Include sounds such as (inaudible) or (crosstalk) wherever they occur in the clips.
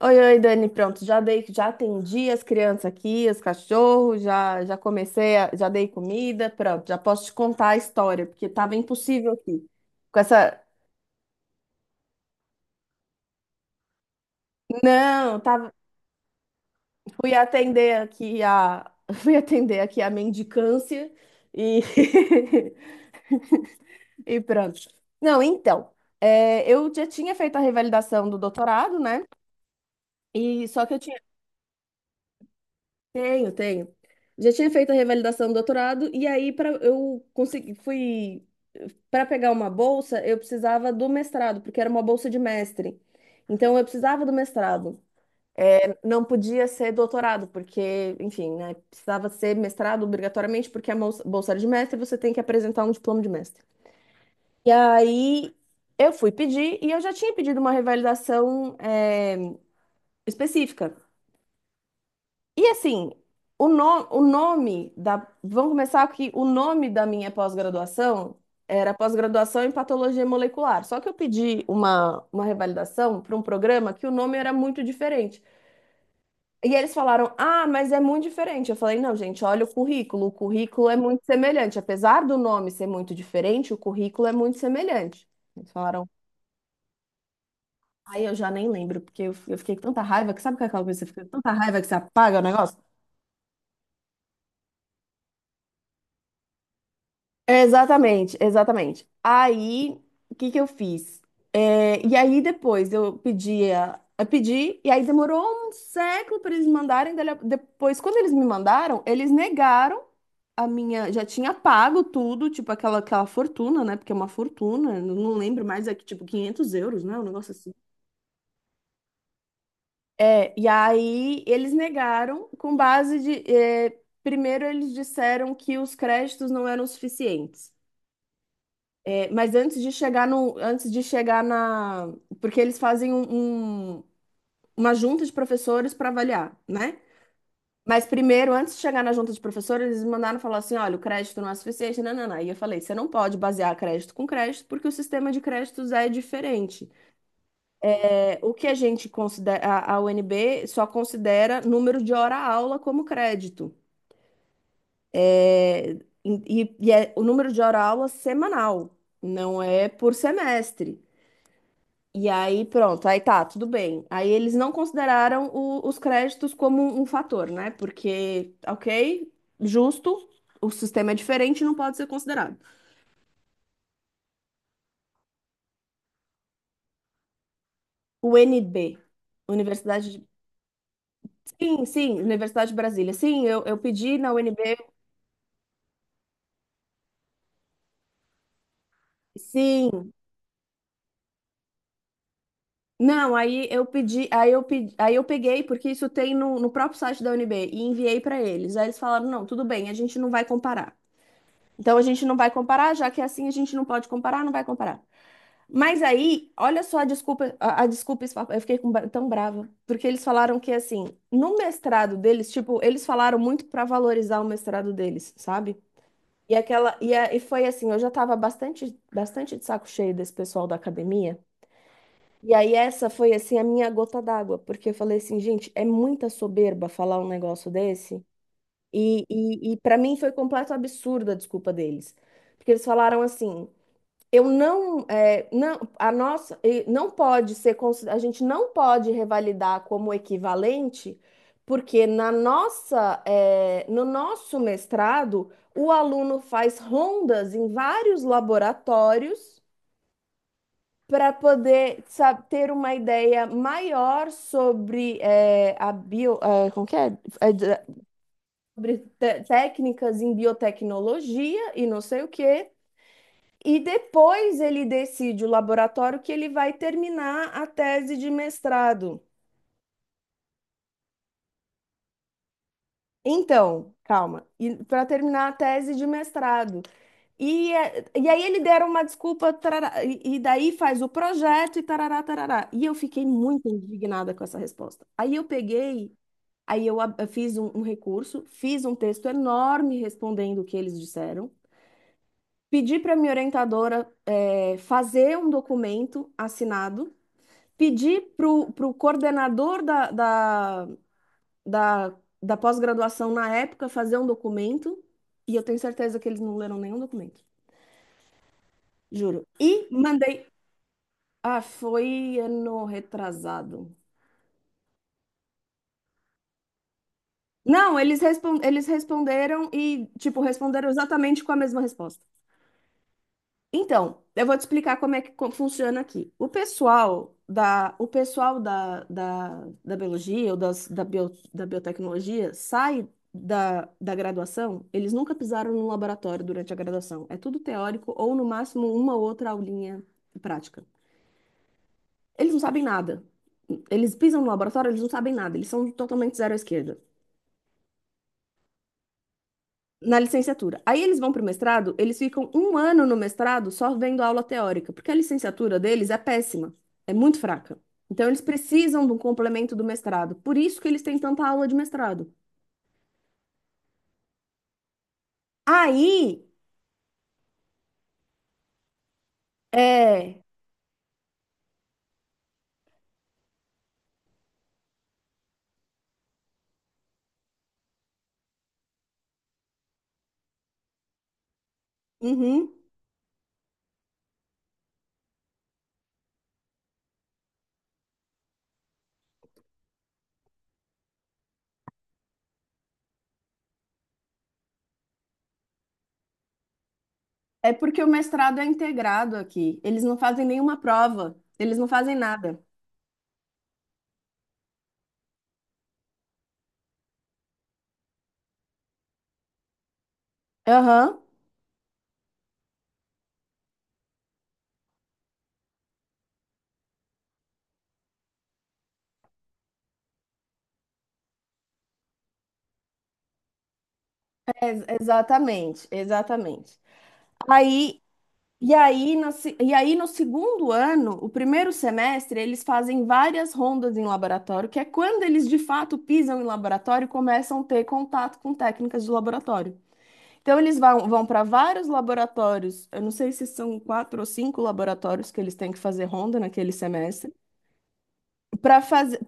Oi, oi, Dani, pronto, já dei, já atendi as crianças aqui, os cachorros, já comecei, já dei comida, pronto, já posso te contar a história, porque tava impossível aqui. Com essa, não, tava, fui atender aqui a, (laughs) fui atender aqui a mendicância e (laughs) e pronto. Não, então, eu já tinha feito a revalidação do doutorado, né? E só que eu tinha Tenho, tenho. Já tinha feito a revalidação do doutorado e aí para eu conseguir fui para pegar uma bolsa, eu precisava do mestrado, porque era uma bolsa de mestre. Então eu precisava do mestrado. É, não podia ser doutorado, porque, enfim, né, precisava ser mestrado obrigatoriamente, porque a bolsa era de mestre, você tem que apresentar um diploma de mestre. E aí eu fui pedir e eu já tinha pedido uma revalidação, específica. E assim, o, no- o nome da. Vamos começar aqui. O nome da minha pós-graduação era pós-graduação em patologia molecular. Só que eu pedi uma revalidação para um programa que o nome era muito diferente. E eles falaram: Ah, mas é muito diferente. Eu falei: Não, gente, olha o currículo. O currículo é muito semelhante. Apesar do nome ser muito diferente, o currículo é muito semelhante. Eles falaram: Ai, eu já nem lembro, porque eu fiquei com tanta raiva que sabe aquela coisa que você fica com tanta raiva que você apaga o negócio? Exatamente, exatamente. Aí, o que que eu fiz? E aí depois eu pedia, eu pedi, e aí demorou um século para eles me mandarem. Depois, quando eles me mandaram, eles negaram a minha, já tinha pago tudo, tipo aquela fortuna, né? Porque é uma fortuna, eu não lembro mais, é que tipo 500 euros, né? Um negócio assim. E aí eles negaram com base de, primeiro eles disseram que os créditos não eram suficientes. Mas antes de chegar no, antes de chegar na, porque eles fazem uma junta de professores para avaliar, né? Mas primeiro, antes de chegar na junta de professores, eles me mandaram falar assim, olha, o crédito não é suficiente, não, não, não. E eu falei, você não pode basear crédito com crédito, porque o sistema de créditos é diferente. É, o que a gente considera, a UNB só considera número de hora-aula como crédito. É, E é o número de hora-aula semanal, não é por semestre. E aí, pronto, aí tá, tudo bem. Aí eles não consideraram os créditos como um fator, né? Porque, ok, justo, o sistema é diferente, não pode ser considerado. UNB, Universidade de... Sim, sim, Universidade de Brasília. Sim, eu pedi na UNB. Sim. Não, aí eu pedi, aí eu peguei, porque isso tem no próprio site da UNB, e enviei para eles. Aí eles falaram, não, tudo bem, a gente não vai comparar. Então a gente não vai comparar, já que é assim a gente não pode comparar, não vai comparar. Mas aí, olha só a desculpa, a desculpa, eu fiquei com tão brava, porque eles falaram que assim, no mestrado deles, tipo, eles falaram muito para valorizar o mestrado deles, sabe? E aquela e foi assim, eu já tava bastante bastante de saco cheio desse pessoal da academia. E aí essa foi assim a minha gota d'água, porque eu falei assim, gente, é muita soberba falar um negócio desse. E para mim foi completo absurdo a desculpa deles. Porque eles falaram assim, eu não, é, não, a nossa, não pode ser, a gente não pode revalidar como equivalente, porque na nossa, no nosso mestrado, o aluno faz rondas em vários laboratórios para poder ter uma ideia maior sobre a bio, como que é? Sobre técnicas em biotecnologia e não sei o quê. E depois ele decide o laboratório que ele vai terminar a tese de mestrado. Então, calma, para terminar a tese de mestrado. E aí ele deram uma desculpa, tarará, e daí faz o projeto e tarará, tarará. E eu fiquei muito indignada com essa resposta. Aí eu peguei, eu fiz um recurso, fiz um texto enorme respondendo o que eles disseram, pedi para minha orientadora, fazer um documento assinado pedi para o coordenador da, da, da pós-graduação na época fazer um documento, e eu tenho certeza que eles não leram nenhum documento, juro. E mandei. Ah, foi ano retrasado. Não, eles responderam e, tipo, responderam exatamente com a mesma resposta. Então, eu vou te explicar como é que funciona aqui. O pessoal da biologia ou da biotecnologia sai da graduação, eles nunca pisaram no laboratório durante a graduação. É tudo teórico ou, no máximo, uma ou outra aulinha prática. Eles não sabem nada. Eles pisam no laboratório, eles não sabem nada. Eles são totalmente zero à esquerda. Na licenciatura. Aí eles vão para o mestrado, eles ficam um ano no mestrado só vendo aula teórica, porque a licenciatura deles é péssima, é muito fraca. Então eles precisam de um complemento do mestrado, por isso que eles têm tanta aula de mestrado. Aí é, uhum, é porque o mestrado é integrado aqui, eles não fazem nenhuma prova, eles não fazem nada. Aham, exatamente, exatamente. Aí E aí, na se- e aí, no segundo ano, o primeiro semestre, eles fazem várias rondas em laboratório, que é quando eles de fato pisam em laboratório e começam a ter contato com técnicas de laboratório. Então, eles vão para vários laboratórios, eu não sei se são quatro ou cinco laboratórios que eles têm que fazer ronda naquele semestre para fazer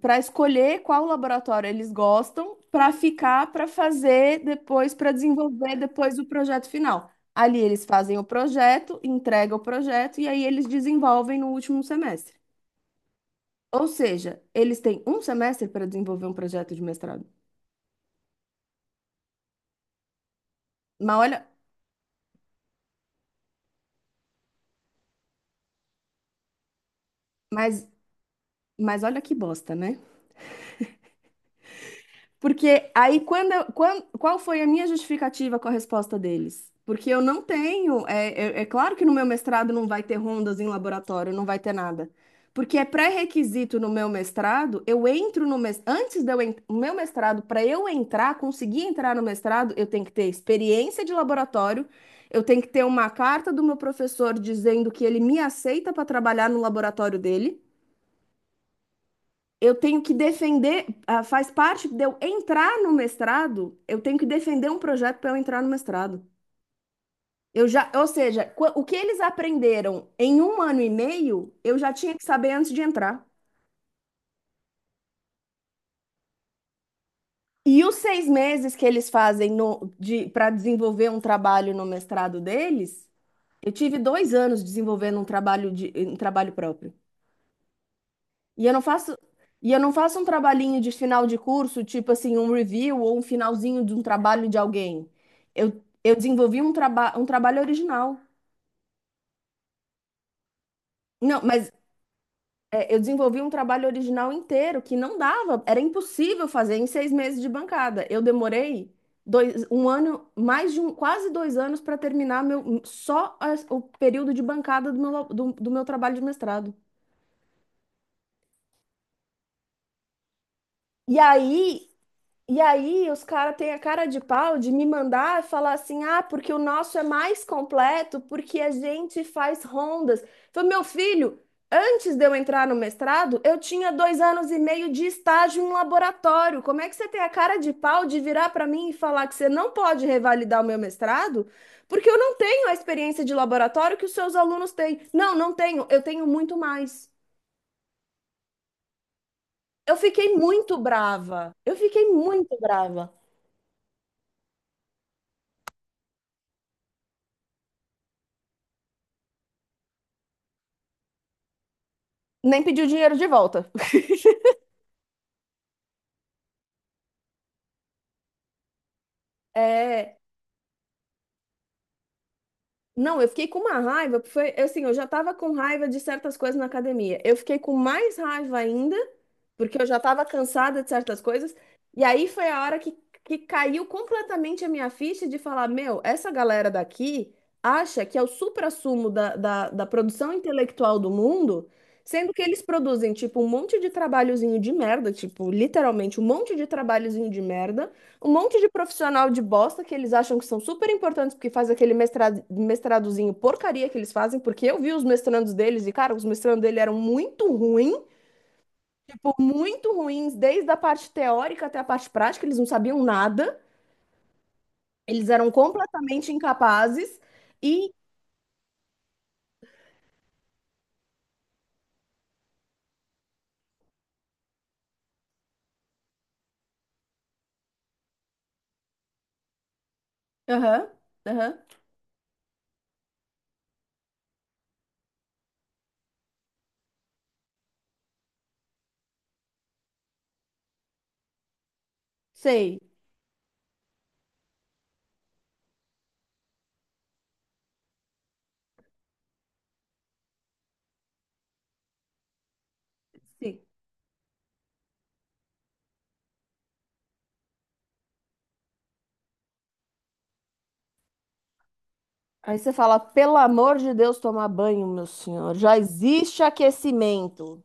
para escolher qual laboratório eles gostam para ficar para fazer depois para desenvolver depois o projeto final. Ali eles fazem o projeto, entregam o projeto e aí eles desenvolvem no último semestre. Ou seja, eles têm um semestre para desenvolver um projeto de mestrado. Mas olha, mas, mas olha que bosta, né? Porque aí, qual foi a minha justificativa com a resposta deles? Porque eu não tenho. É claro que no meu mestrado não vai ter rondas em laboratório, não vai ter nada. Porque é pré-requisito no meu mestrado, eu entro no mestrado. Antes de eu en- o meu mestrado, para eu entrar, conseguir entrar no mestrado, eu tenho que ter experiência de laboratório, eu tenho que ter uma carta do meu professor dizendo que ele me aceita para trabalhar no laboratório dele eu tenho que defender, faz parte de eu entrar no mestrado, eu tenho que defender um projeto para eu entrar no mestrado. Eu já, ou seja, o que eles aprenderam em um ano e meio, eu já tinha que saber antes de entrar. E os 6 meses que eles fazem no, de, para desenvolver um trabalho no mestrado deles, eu tive 2 anos desenvolvendo um trabalho próprio. E eu não faço, um trabalhinho de final de curso, tipo assim, um review ou um finalzinho de um trabalho de alguém. Eu desenvolvi um trabalho original. Não, mas eu desenvolvi um trabalho original inteiro que não dava, era impossível fazer em 6 meses de bancada. Eu demorei dois, um ano, mais de um, quase 2 anos para terminar meu, só o período de bancada do meu, do meu trabalho de mestrado. E aí, E aí, os caras têm a cara de pau de me mandar falar assim, ah, porque o nosso é mais completo, porque a gente faz rondas. Falei, meu filho, antes de eu entrar no mestrado, eu tinha 2 anos e meio de estágio em laboratório. Como é que você tem a cara de pau de virar para mim e falar que você não pode revalidar o meu mestrado? Porque eu não tenho a experiência de laboratório que os seus alunos têm. Não, não tenho, eu tenho muito mais. Eu fiquei muito brava. Eu fiquei muito brava. Nem pedi o dinheiro de volta. É, não, eu fiquei com uma raiva, porque foi é assim, eu já tava com raiva de certas coisas na academia. Eu fiquei com mais raiva ainda, porque eu já tava cansada de certas coisas. E aí foi a hora que caiu completamente a minha ficha de falar, meu, essa galera daqui acha que é o suprassumo da, da produção intelectual do mundo, sendo que eles produzem, tipo, um monte de trabalhozinho de merda, tipo, literalmente um monte de trabalhozinho de merda um monte de profissional de bosta que eles acham que são super importantes porque faz aquele mestrado, mestradozinho porcaria que eles fazem, porque eu vi os mestrandos deles e, cara, os mestrandos dele eram muito ruins, tipo, muito ruins, desde a parte teórica até a parte prática, eles não sabiam nada, eles eram completamente incapazes e. Aham, aham, sei. Sim. Aí você fala, pelo amor de Deus, tomar banho, meu senhor, já existe aquecimento.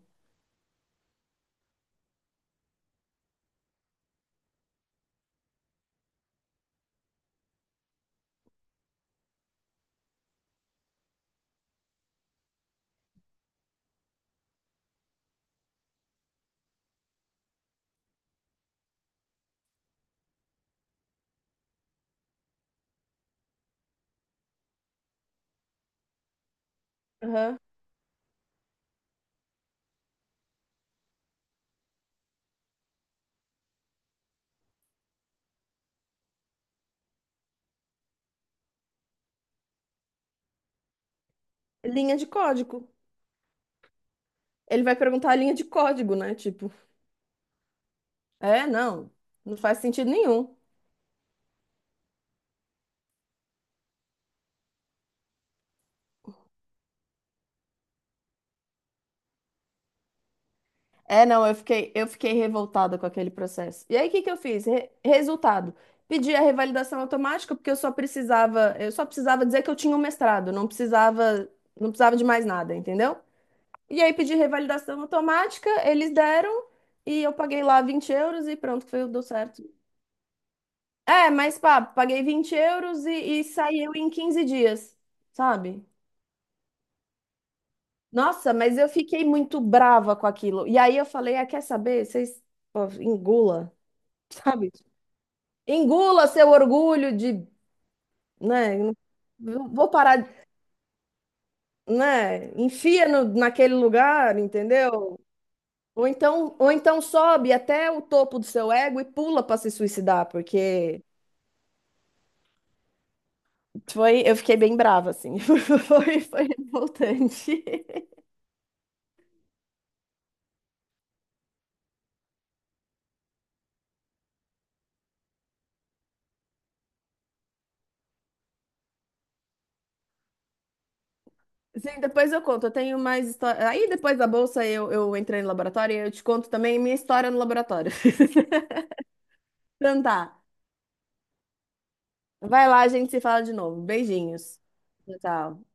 Aham. Linha de código. Ele vai perguntar a linha de código, né? Tipo, não, não faz sentido nenhum. É, não, eu fiquei revoltada com aquele processo. E aí, o que que eu fiz? Resultado, pedi a revalidação automática porque eu só precisava dizer que eu tinha um mestrado, não precisava de mais nada, entendeu? E aí pedi revalidação automática, eles deram e eu paguei lá 20 euros e pronto, foi, deu certo. É, mas pá, paguei 20 euros e saiu em 15 dias, sabe? Nossa, mas eu fiquei muito brava com aquilo. E aí eu falei, ah, quer saber? Vocês, pô, engula, (laughs) sabe? Engula seu orgulho de, né? eu não- Vou parar, né? Enfia naquele lugar, entendeu? Ou então sobe até o topo do seu ego e pula para se suicidar, porque foi, eu fiquei bem brava, assim. (laughs) Foi revoltante. Sim, depois eu conto. Eu tenho mais história. Aí depois da bolsa eu entrei no laboratório e eu te conto também minha história no laboratório. (laughs) Então tá. Vai lá, a gente se fala de novo. Beijinhos. Tchau, tchau.